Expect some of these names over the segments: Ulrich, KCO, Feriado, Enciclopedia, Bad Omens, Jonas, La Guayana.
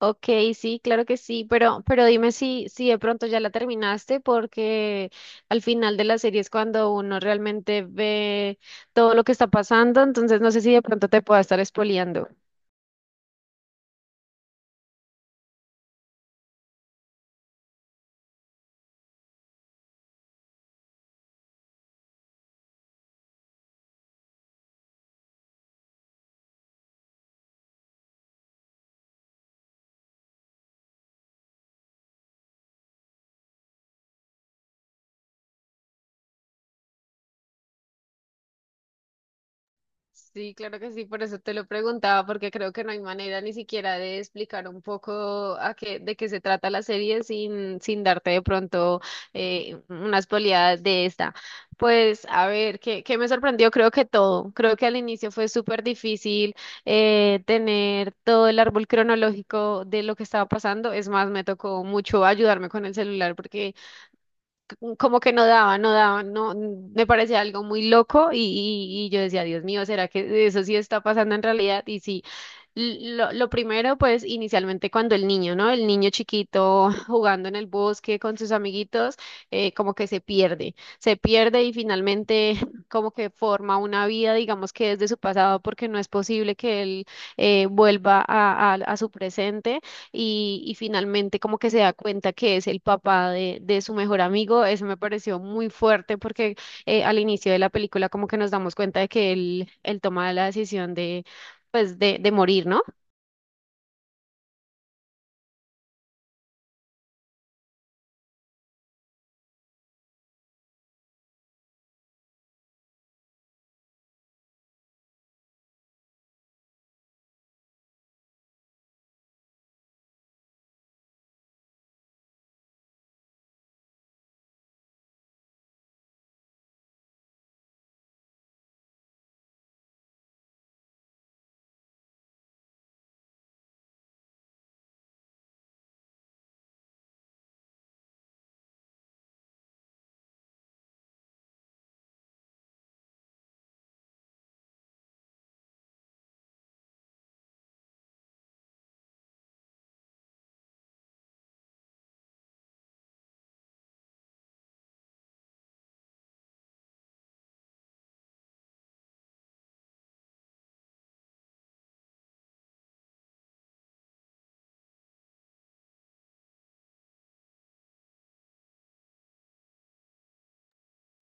Ok, sí, claro que sí, pero dime si de pronto ya la terminaste, porque al final de la serie es cuando uno realmente ve todo lo que está pasando, entonces no sé si de pronto te pueda estar spoileando. Sí, claro que sí, por eso te lo preguntaba, porque creo que no hay manera ni siquiera de explicar un poco a qué, de qué se trata la serie sin darte de pronto una spoileada de esta. Pues a ver, ¿qué, qué me sorprendió? Creo que todo. Creo que al inicio fue súper difícil tener todo el árbol cronológico de lo que estaba pasando. Es más, me tocó mucho ayudarme con el celular porque como que no, me parecía algo muy loco y, y yo decía, Dios mío, ¿será que eso sí está pasando en realidad? Y sí, lo primero, pues inicialmente cuando el niño, ¿no? El niño chiquito jugando en el bosque con sus amiguitos, como que se pierde y finalmente como que forma una vida, digamos que desde su pasado, porque no es posible que él vuelva a su presente y finalmente como que se da cuenta que es el papá de su mejor amigo. Eso me pareció muy fuerte porque al inicio de la película como que nos damos cuenta de que él toma la decisión de, pues, de morir, ¿no?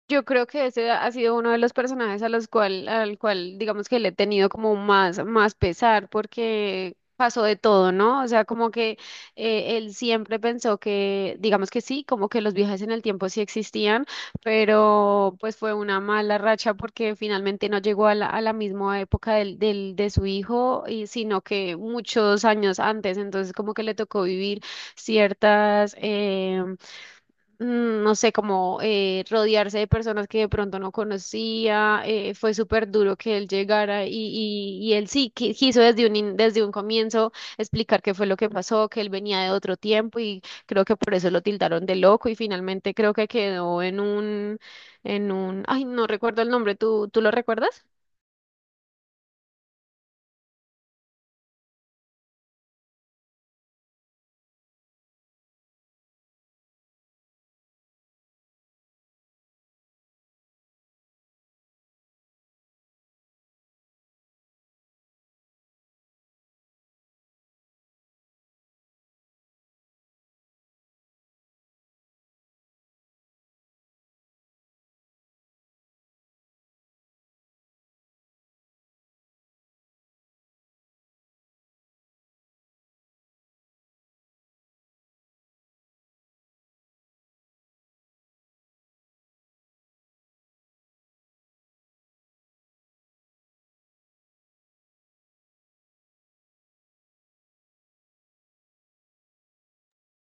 Yo creo que ese ha sido uno de los personajes a los cual, al cual, digamos que le he tenido como más pesar porque pasó de todo, ¿no? O sea, como que él siempre pensó que, digamos que sí, como que los viajes en el tiempo sí existían, pero pues fue una mala racha porque finalmente no llegó a la misma época de su hijo, y, sino que muchos años antes, entonces como que le tocó vivir ciertas em, no sé, como rodearse de personas que de pronto no conocía, fue súper duro que él llegara y, y él sí quiso desde desde un comienzo explicar qué fue lo que pasó, que él venía de otro tiempo y creo que por eso lo tildaron de loco y finalmente creo que quedó en ay, no recuerdo el nombre, ¿tú lo recuerdas?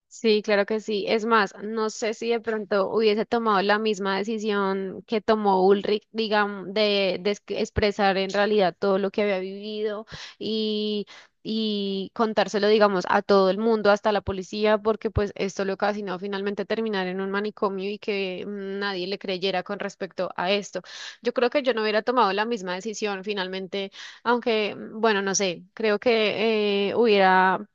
Sí, claro que sí. Es más, no sé si de pronto hubiese tomado la misma decisión que tomó Ulrich, digamos, de expresar en realidad todo lo que había vivido y, y contárselo, digamos, a todo el mundo, hasta la policía, porque pues esto le ocasionó finalmente terminar en un manicomio y que nadie le creyera con respecto a esto. Yo creo que yo no hubiera tomado la misma decisión finalmente, aunque, bueno, no sé, creo que hubiera.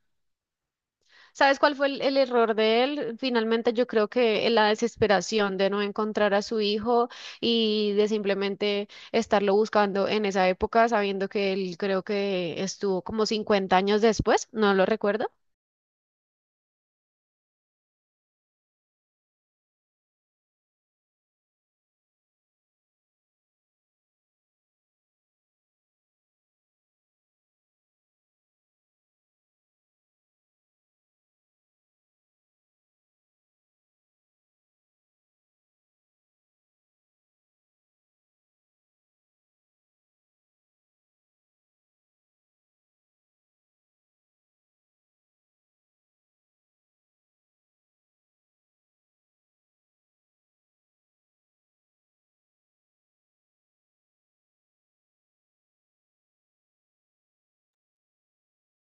¿Sabes cuál fue el error de él? Finalmente yo creo que en la desesperación de no encontrar a su hijo y de simplemente estarlo buscando en esa época, sabiendo que él creo que estuvo como 50 años después, no lo recuerdo.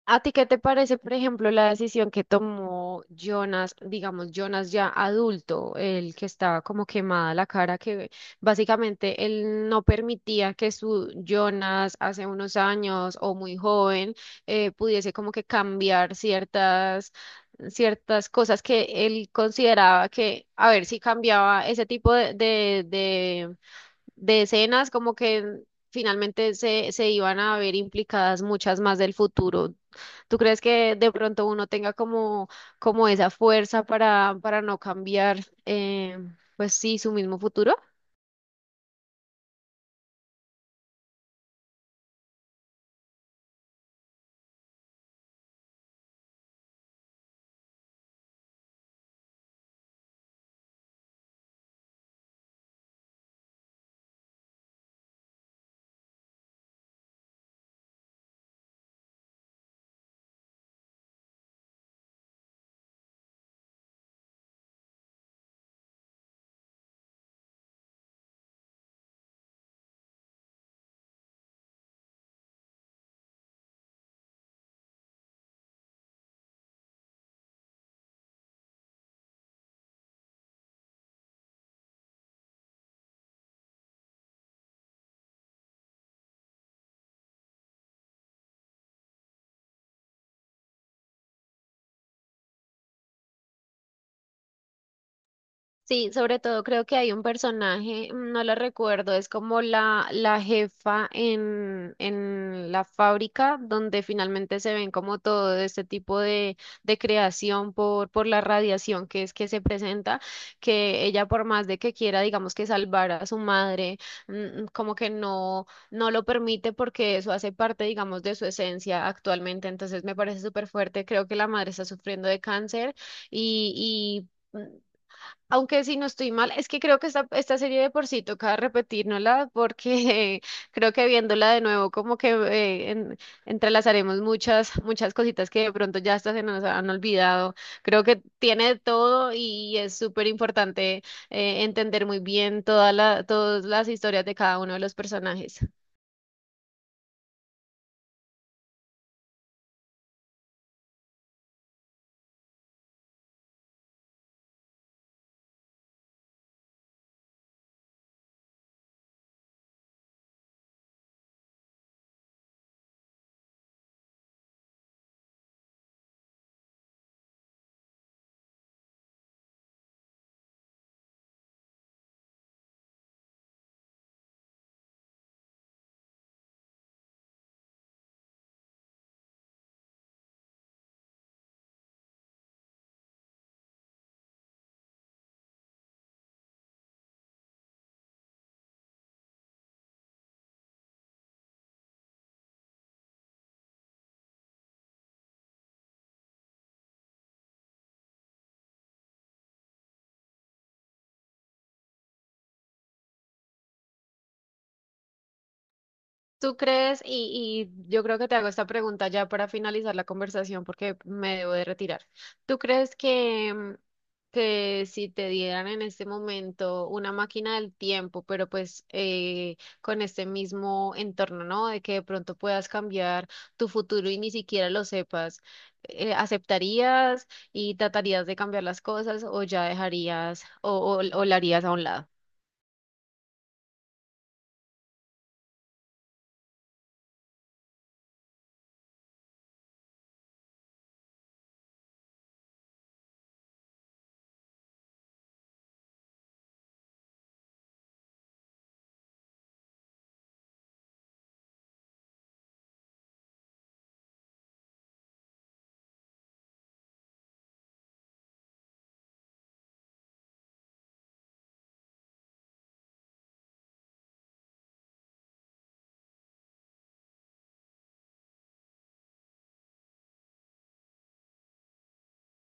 ¿A ti qué te parece, por ejemplo, la decisión que tomó Jonas, digamos, Jonas ya adulto, el que estaba como quemada la cara, que básicamente él no permitía que su Jonas hace unos años o muy joven pudiese como que cambiar ciertas, ciertas cosas que él consideraba que, a ver, si cambiaba ese tipo de, de de escenas, como que finalmente se iban a ver implicadas muchas más del futuro. ¿Tú crees que de pronto uno tenga como, como esa fuerza para no cambiar, eh, pues sí, su mismo futuro? Sí, sobre todo creo que hay un personaje, no lo recuerdo, es como la jefa en la fábrica donde finalmente se ven como todo este tipo de creación por la radiación que es que se presenta, que ella por más de que quiera, digamos que salvar a su madre, como que no, no lo permite porque eso hace parte, digamos, de su esencia actualmente. Entonces me parece súper fuerte, creo que la madre está sufriendo de cáncer y... y aunque si no estoy mal, es que creo que esta serie de por sí toca repetírnosla porque creo que viéndola de nuevo como que entrelazaremos muchas, muchas cositas que de pronto ya hasta se nos han olvidado. Creo que tiene de todo y es súper importante entender muy bien toda la, todas las historias de cada uno de los personajes. ¿Tú crees? Y yo creo que te hago esta pregunta ya para finalizar la conversación porque me debo de retirar. ¿Tú crees que, que si te dieran en este momento una máquina del tiempo, pero pues con este mismo entorno, ¿no? De que de pronto puedas cambiar tu futuro y ni siquiera lo sepas, ¿aceptarías y tratarías de cambiar las cosas o ya dejarías o la harías a un lado?